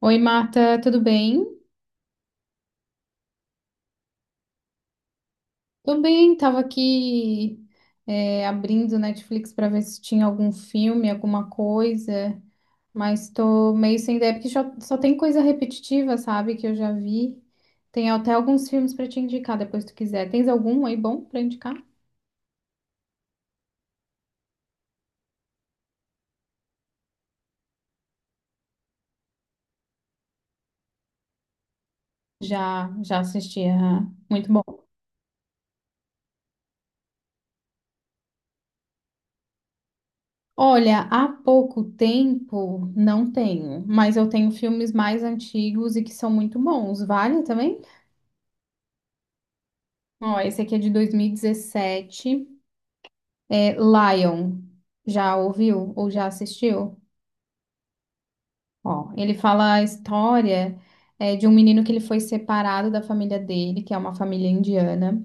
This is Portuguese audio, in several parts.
Oi, Marta, tudo bem? Tudo bem, tava aqui abrindo Netflix para ver se tinha algum filme, alguma coisa, mas tô meio sem ideia, porque só tem coisa repetitiva, sabe, que eu já vi. Tem até alguns filmes para te indicar depois se tu quiser. Tens algum aí bom para indicar? Já assisti, aham. Muito bom. Olha, há pouco tempo não tenho, mas eu tenho filmes mais antigos e que são muito bons. Vale também? Ó, esse aqui é de 2017. É, Lion, já ouviu ou já assistiu? Ó, ele fala a história de um menino que ele foi separado da família dele, que é uma família indiana.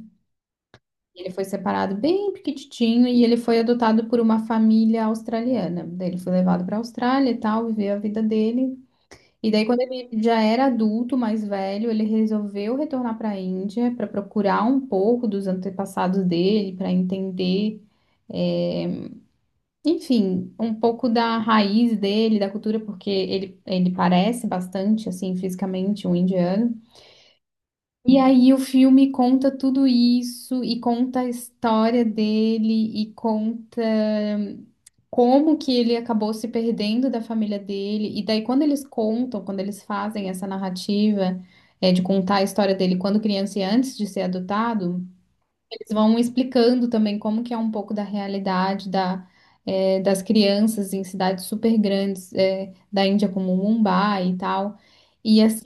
Ele foi separado bem pequititinho e ele foi adotado por uma família australiana. Daí ele foi levado para a Austrália e tal, viveu a vida dele. E daí, quando ele já era adulto, mais velho, ele resolveu retornar para a Índia para procurar um pouco dos antepassados dele, para entender. é, Enfim, um pouco da raiz dele, da cultura, porque ele parece bastante, assim, fisicamente um indiano. E aí o filme conta tudo isso e conta a história dele e conta como que ele acabou se perdendo da família dele. E daí, quando eles contam, quando eles fazem essa narrativa, de contar a história dele quando criança e antes de ser adotado. Eles vão explicando também como que é um pouco da realidade das crianças em cidades super grandes, da Índia, como Mumbai e tal. E assim,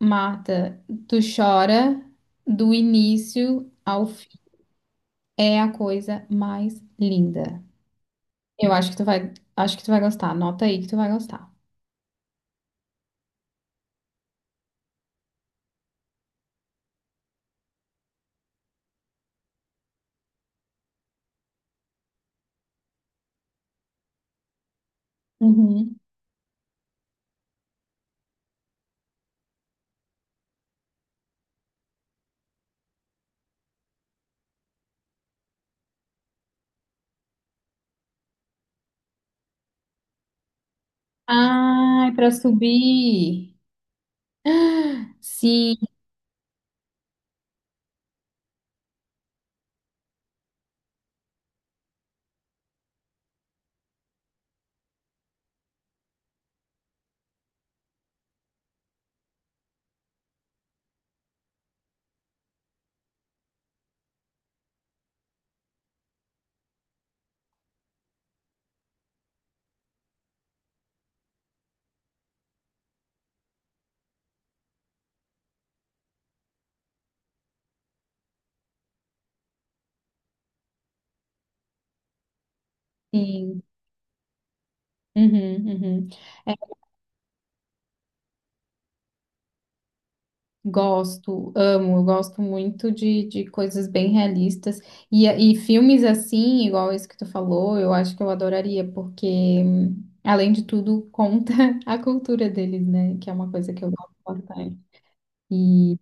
Marta, tu chora do início ao fim. É a coisa mais linda. Eu acho que tu vai, acho que tu vai gostar. Anota aí que tu vai gostar. Uhum. Ai, para subir. Sim. Uhum, uhum. É, gosto, amo, eu gosto muito de coisas bem realistas. E filmes assim, igual esse que tu falou, eu acho que eu adoraria, porque, além de tudo, conta a cultura deles, né? Que é uma coisa que eu gosto bastante. E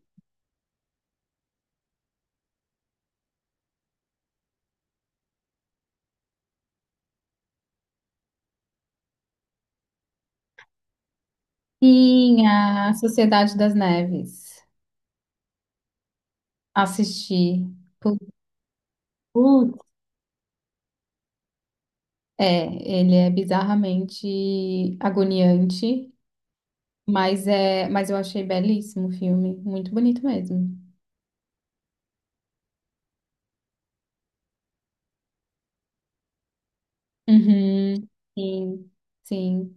sim, a Sociedade das Neves. Assisti. Pu- Putz, é, ele é bizarramente agoniante, mas é, mas eu achei belíssimo o filme, muito bonito mesmo. Uhum. Sim, sim.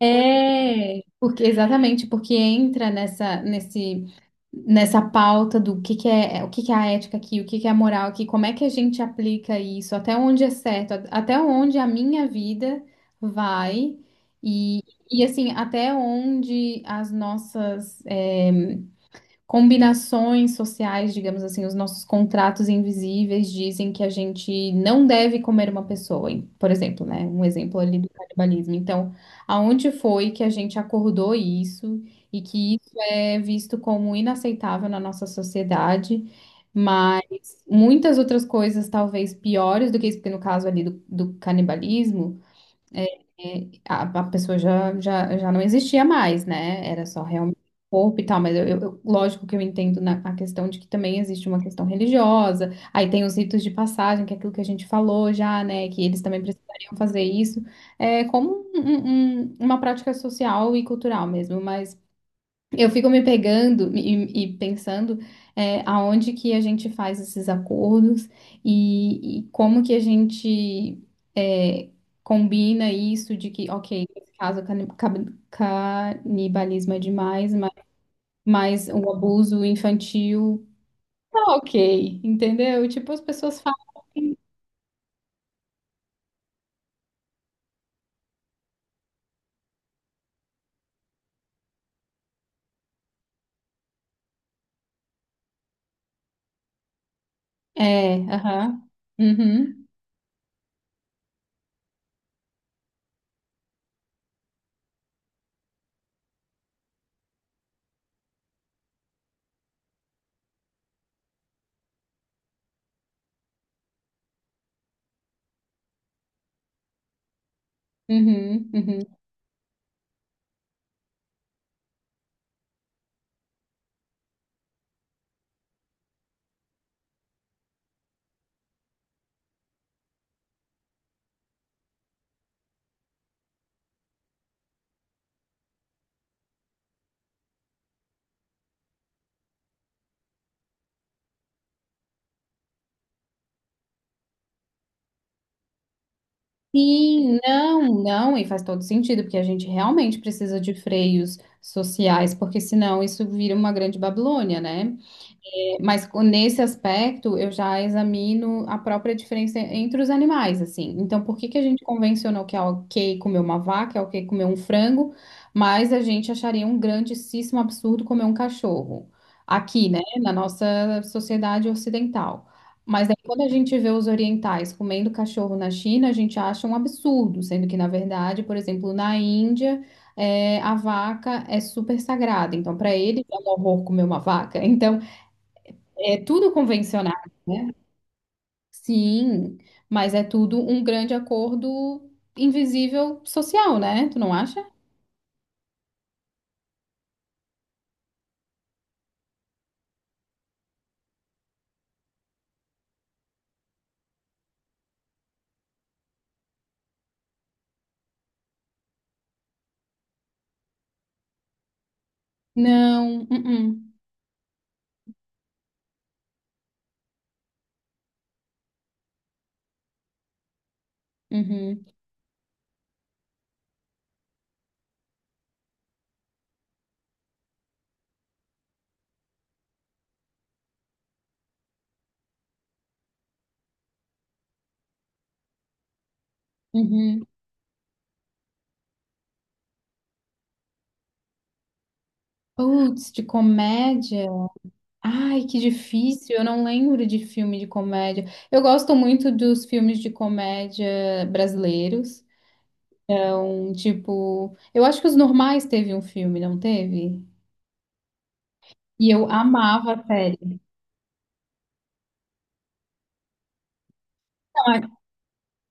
É, porque exatamente, porque entra nessa pauta do que é, o que que é a ética aqui, o que que é a moral aqui, como é que a gente aplica isso, até onde é certo, até onde a minha vida vai e, e assim, até onde as nossas combinações sociais, digamos assim, os nossos contratos invisíveis dizem que a gente não deve comer uma pessoa, por exemplo, né? Um exemplo ali do canibalismo. Então, aonde foi que a gente acordou isso e que isso é visto como inaceitável na nossa sociedade? Mas muitas outras coisas, talvez piores do que isso, porque no caso ali do canibalismo. E a pessoa já não existia mais, né? Era só realmente o corpo e tal, mas eu, lógico que eu entendo na, a questão de que também existe uma questão religiosa, aí tem os ritos de passagem, que é aquilo que a gente falou já, né? Que eles também precisariam fazer isso, é como uma prática social e cultural mesmo, mas. Eu fico me pegando e pensando aonde que a gente faz esses acordos e como que a gente é, combina isso de que, ok, nesse caso o canibalismo é demais, mas o abuso infantil tá ok, entendeu? Tipo, as pessoas falam. É, aham. Uhum, uhum, uhum. Sim, não, não, e faz todo sentido, porque a gente realmente precisa de freios sociais, porque senão isso vira uma grande Babilônia, né? Mas nesse aspecto, eu já examino a própria diferença entre os animais, assim. Então, por que que a gente convencionou que é ok comer uma vaca, é ok comer um frango, mas a gente acharia um grandíssimo absurdo comer um cachorro? Aqui, né, na nossa sociedade ocidental. Mas aí, quando a gente vê os orientais comendo cachorro na China, a gente acha um absurdo, sendo que, na verdade, por exemplo, na Índia, é, a vaca é super sagrada. Então, para ele, é um horror comer uma vaca. Então, é tudo convencional, né? Sim, mas é tudo um grande acordo invisível social, né? Tu não acha? Não. Uh-uh. Uhum. Uhum. Putz, de comédia. Ai, que difícil. Eu não lembro de filme de comédia. Eu gosto muito dos filmes de comédia brasileiros. Então, tipo, eu acho que Os Normais teve um filme, não teve? E eu amava a série.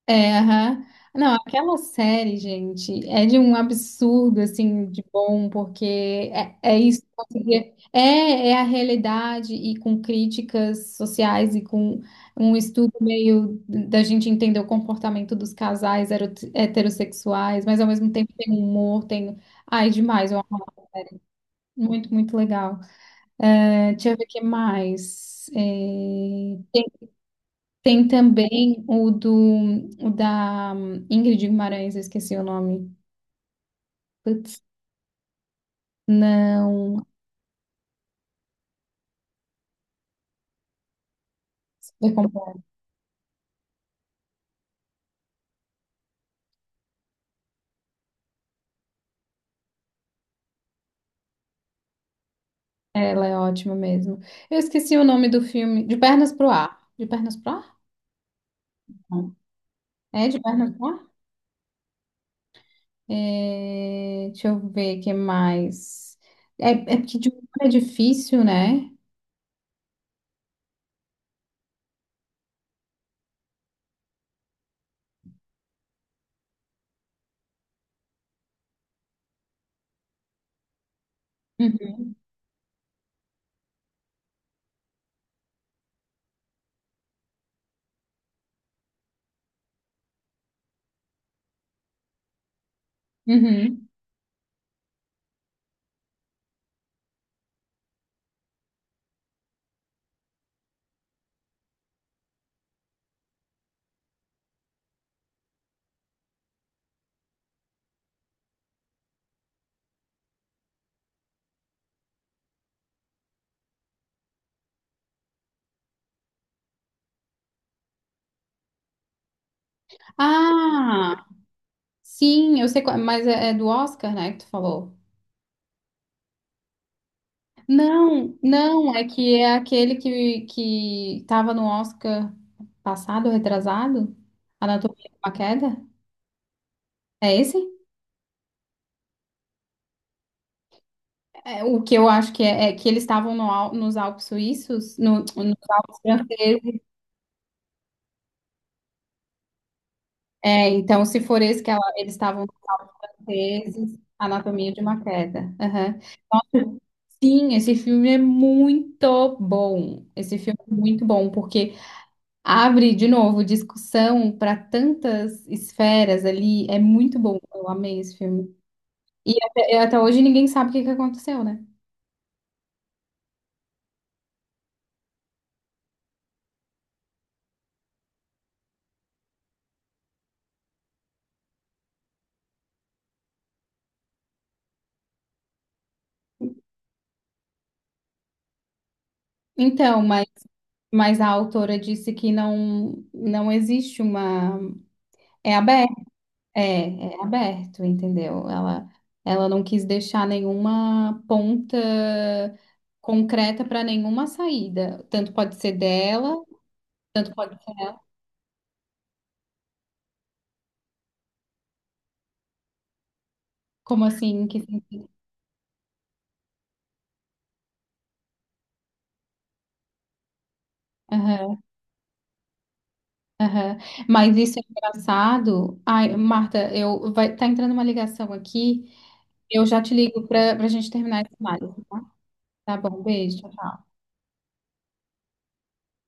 É, aham. Não, aquela série, gente, é de um absurdo, assim, de bom, porque É, é a realidade e com críticas sociais e com um estudo meio da gente entender o comportamento dos casais heterossexuais, mas ao mesmo tempo tem humor, tem... Ai, demais, eu amo. Muito, muito legal. É, deixa eu ver o que mais. É, tem também o da Ingrid Guimarães, eu esqueci o nome. Putz, não. Super Completo. Ela é ótima mesmo. Eu esqueci o nome do filme. De Pernas pro Ar. De Pernas pro Ar? Não. É de Pernas pro Ar? É, deixa eu ver o que mais. É, é porque de humor é difícil, né? Uhum. Uhum. Ah, sim, eu sei qual, mas é, é do Oscar, né, que tu falou. Não, não, é que é aquele que tava no Oscar passado, retrasado, Anatomia de uma Queda. É esse? É, o que eu acho que é, é que eles estavam no nos Alpes suíços, no, nos Alpes franceses. É, então, se for esse que ela, eles estavam franceses, Anatomia de uma Queda. Aham. Sim, esse filme é muito bom. Esse filme é muito bom, porque abre de novo discussão para tantas esferas ali. É muito bom. Eu amei esse filme. E até, até hoje ninguém sabe o que que aconteceu, né? Então, mas a autora disse que não, não existe uma. É aberto, é, é aberto, entendeu? Ela não quis deixar nenhuma ponta concreta para nenhuma saída. Tanto pode ser dela, tanto pode ser. Como assim? Em que... sentido? Aham. Mas isso é engraçado. Ai, Marta, eu vai tá entrando uma ligação aqui. Eu já te ligo para a gente terminar esse análise. Tá bom, beijo. Tchau. Tchau.